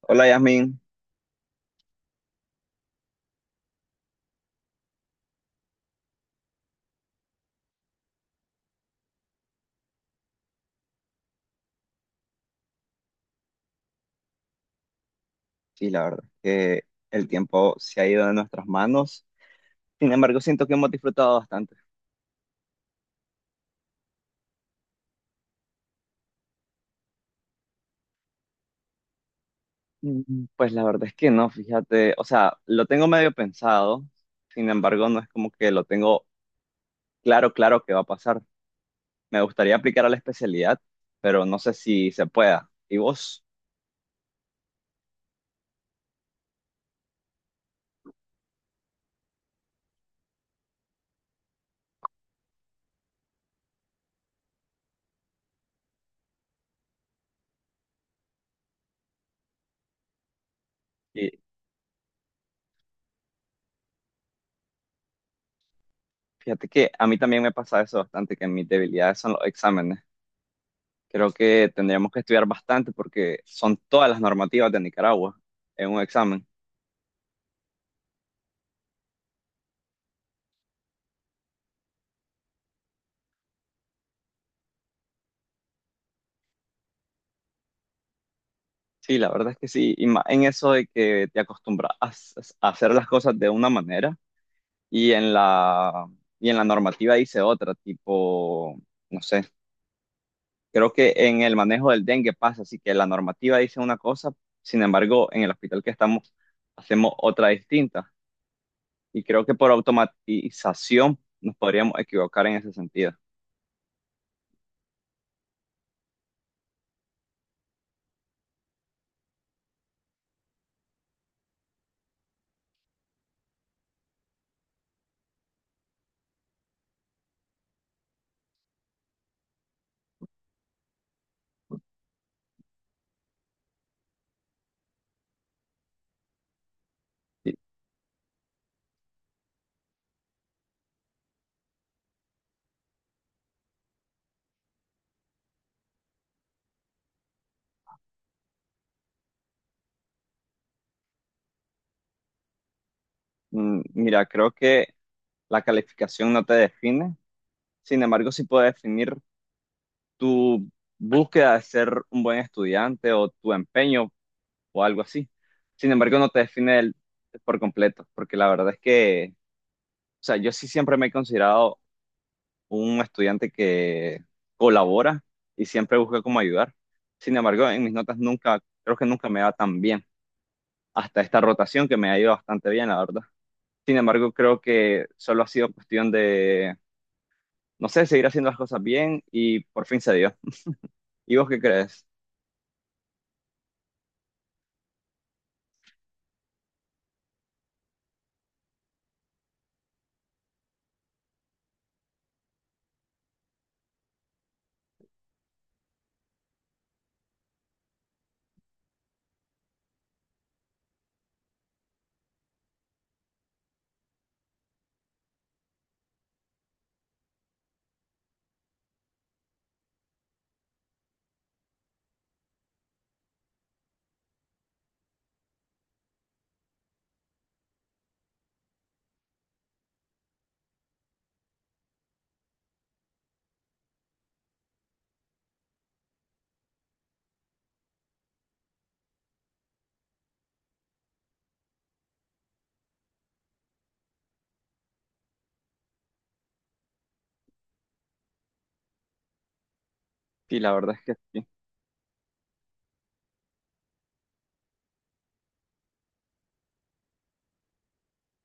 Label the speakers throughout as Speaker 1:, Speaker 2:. Speaker 1: Hola Yasmin, sí, la verdad que el tiempo se ha ido de nuestras manos, sin embargo siento que hemos disfrutado bastante. Pues la verdad es que no, fíjate, o sea, lo tengo medio pensado, sin embargo no es como que lo tengo claro, claro que va a pasar. Me gustaría aplicar a la especialidad, pero no sé si se pueda. ¿Y vos? Y fíjate que a mí también me pasa eso bastante, que mis debilidades son los exámenes. Creo que tendríamos que estudiar bastante porque son todas las normativas de Nicaragua en un examen. Sí, la verdad es que sí, y más en eso de que te acostumbras a a hacer las cosas de una manera y y en la normativa dice otra, tipo, no sé, creo que en el manejo del dengue pasa, así que la normativa dice una cosa, sin embargo, en el hospital que estamos hacemos otra distinta y creo que por automatización nos podríamos equivocar en ese sentido. Sí, mira, creo que la calificación no te define, sin embargo, sí puede definir tu búsqueda de ser un buen estudiante o tu empeño o algo así. Sin embargo, no te define por completo, porque la verdad es que, o sea, yo sí siempre me he considerado un estudiante que colabora y siempre busca cómo ayudar. Sin embargo, en mis notas nunca, creo que nunca me va tan bien. Hasta esta rotación que me ha ido bastante bien, la verdad. Sin embargo, creo que solo ha sido cuestión de, no sé, seguir haciendo las cosas bien y por fin se dio. ¿Y vos qué crees? Sí, la verdad es que sí.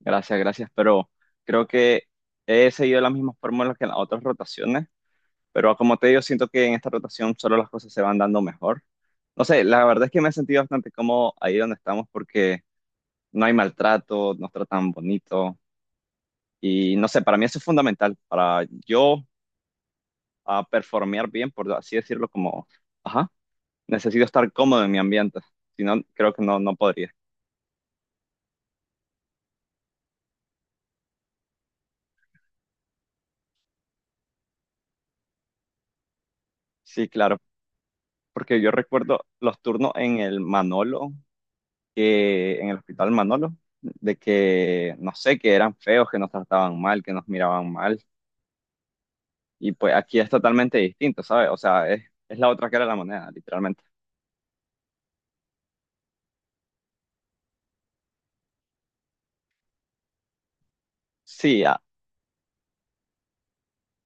Speaker 1: Gracias, gracias, pero creo que he seguido las mismas fórmulas que en las otras rotaciones, pero como te digo, siento que en esta rotación solo las cosas se van dando mejor. No sé, la verdad es que me he sentido bastante cómodo ahí donde estamos porque no hay maltrato, nos tratan bonito y no sé, para mí eso es fundamental, para yo a performear bien, por así decirlo, como, ajá, necesito estar cómodo en mi ambiente, si no, creo que no, no podría. Sí, claro, porque yo recuerdo los turnos en el Manolo, que en el hospital Manolo, de que, no sé, que eran feos, que nos trataban mal, que nos miraban mal. Y pues aquí es totalmente distinto, ¿sabes? O sea, es la otra cara de la moneda, literalmente. Sí,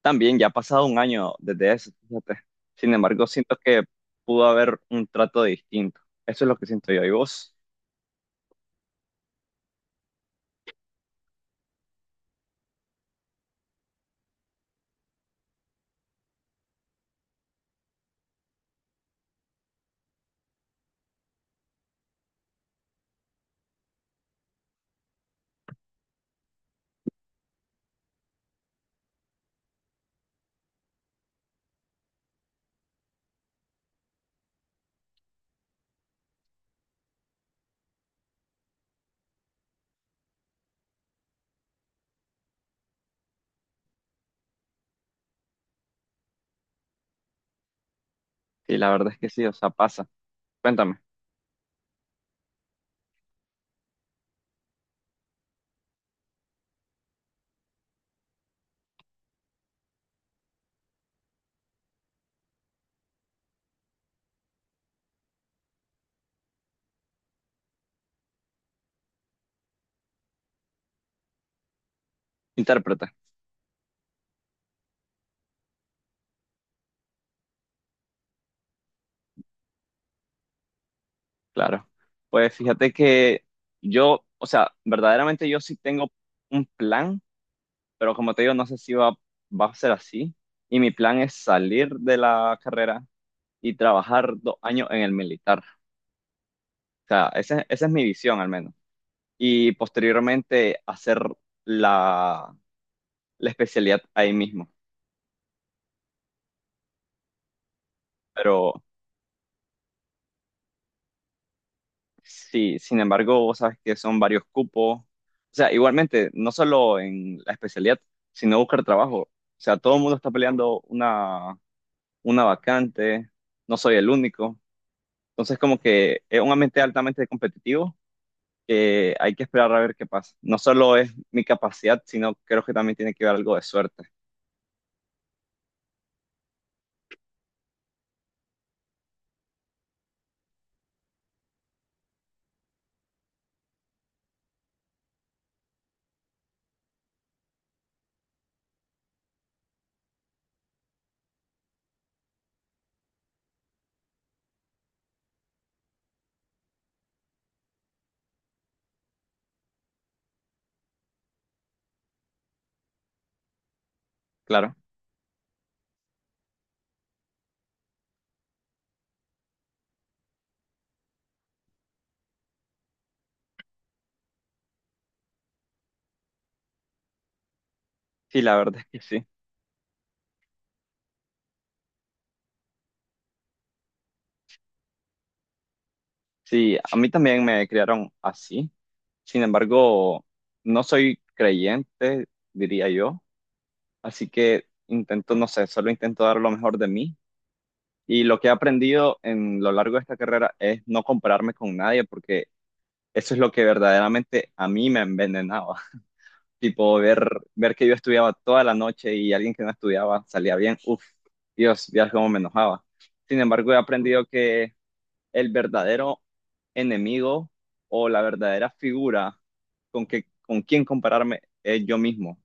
Speaker 1: también ya ha pasado un año desde eso, fíjate. Sin embargo, siento que pudo haber un trato distinto. Eso es lo que siento yo. ¿Y vos? Sí, la verdad es que sí, o sea, pasa. Cuéntame, intérprete, claro. Pues fíjate que yo, o sea, verdaderamente yo sí tengo un plan. Pero como te digo, no sé si va, va a ser así. Y mi plan es salir de la carrera y trabajar 2 años en el militar. O sea, esa es mi visión al menos. Y posteriormente hacer la, la especialidad ahí mismo. Pero sí, sin embargo, vos sabes que son varios cupos. O sea, igualmente, no solo en la especialidad, sino buscar trabajo. O sea, todo el mundo está peleando una vacante. No soy el único. Entonces, como que es un ambiente altamente competitivo que hay que esperar a ver qué pasa. No solo es mi capacidad, sino creo que también tiene que ver algo de suerte, claro. Sí, la verdad es que sí. Sí, a mí también me criaron así. Sin embargo, no soy creyente, diría yo. Así que intento, no sé, solo intento dar lo mejor de mí. Y lo que he aprendido en lo largo de esta carrera es no compararme con nadie, porque eso es lo que verdaderamente a mí me envenenaba. Tipo ver, ver que yo estudiaba toda la noche y alguien que no estudiaba salía bien, uff, Dios, Dios, cómo me enojaba. Sin embargo, he aprendido que el verdadero enemigo o la verdadera figura con quien compararme es yo mismo.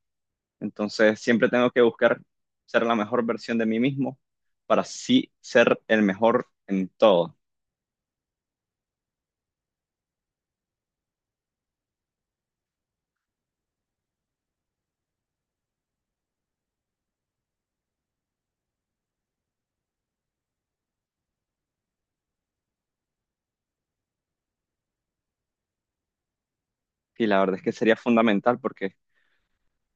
Speaker 1: Entonces, siempre tengo que buscar ser la mejor versión de mí mismo para sí ser el mejor en todo. Y la verdad es que sería fundamental porque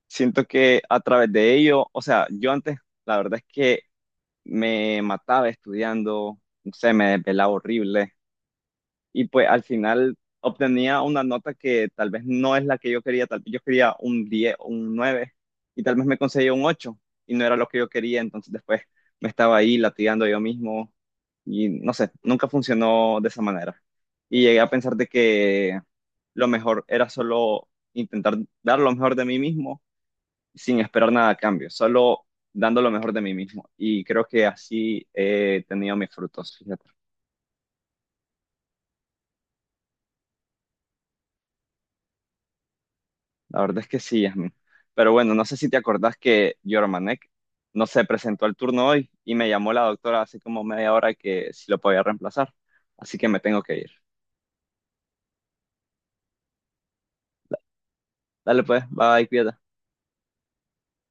Speaker 1: siento que a través de ello, o sea, yo antes, la verdad es que me mataba estudiando, se me desvelaba horrible y pues al final obtenía una nota que tal vez no es la que yo quería, tal vez yo quería un 10 o un 9 y tal vez me conseguía un 8 y no era lo que yo quería, entonces después me estaba ahí latigando yo mismo y no sé, nunca funcionó de esa manera. Y llegué a pensar de que lo mejor era solo intentar dar lo mejor de mí mismo sin esperar nada a cambio, solo dando lo mejor de mí mismo. Y creo que así he tenido mis frutos, fíjate. La verdad es que sí, Yasmin. Pero bueno, no sé si te acordás que Yormanek no se presentó al turno hoy y me llamó la doctora hace como media hora que si lo podía reemplazar. Así que me tengo que ir. Dale pues, bye, cuídate.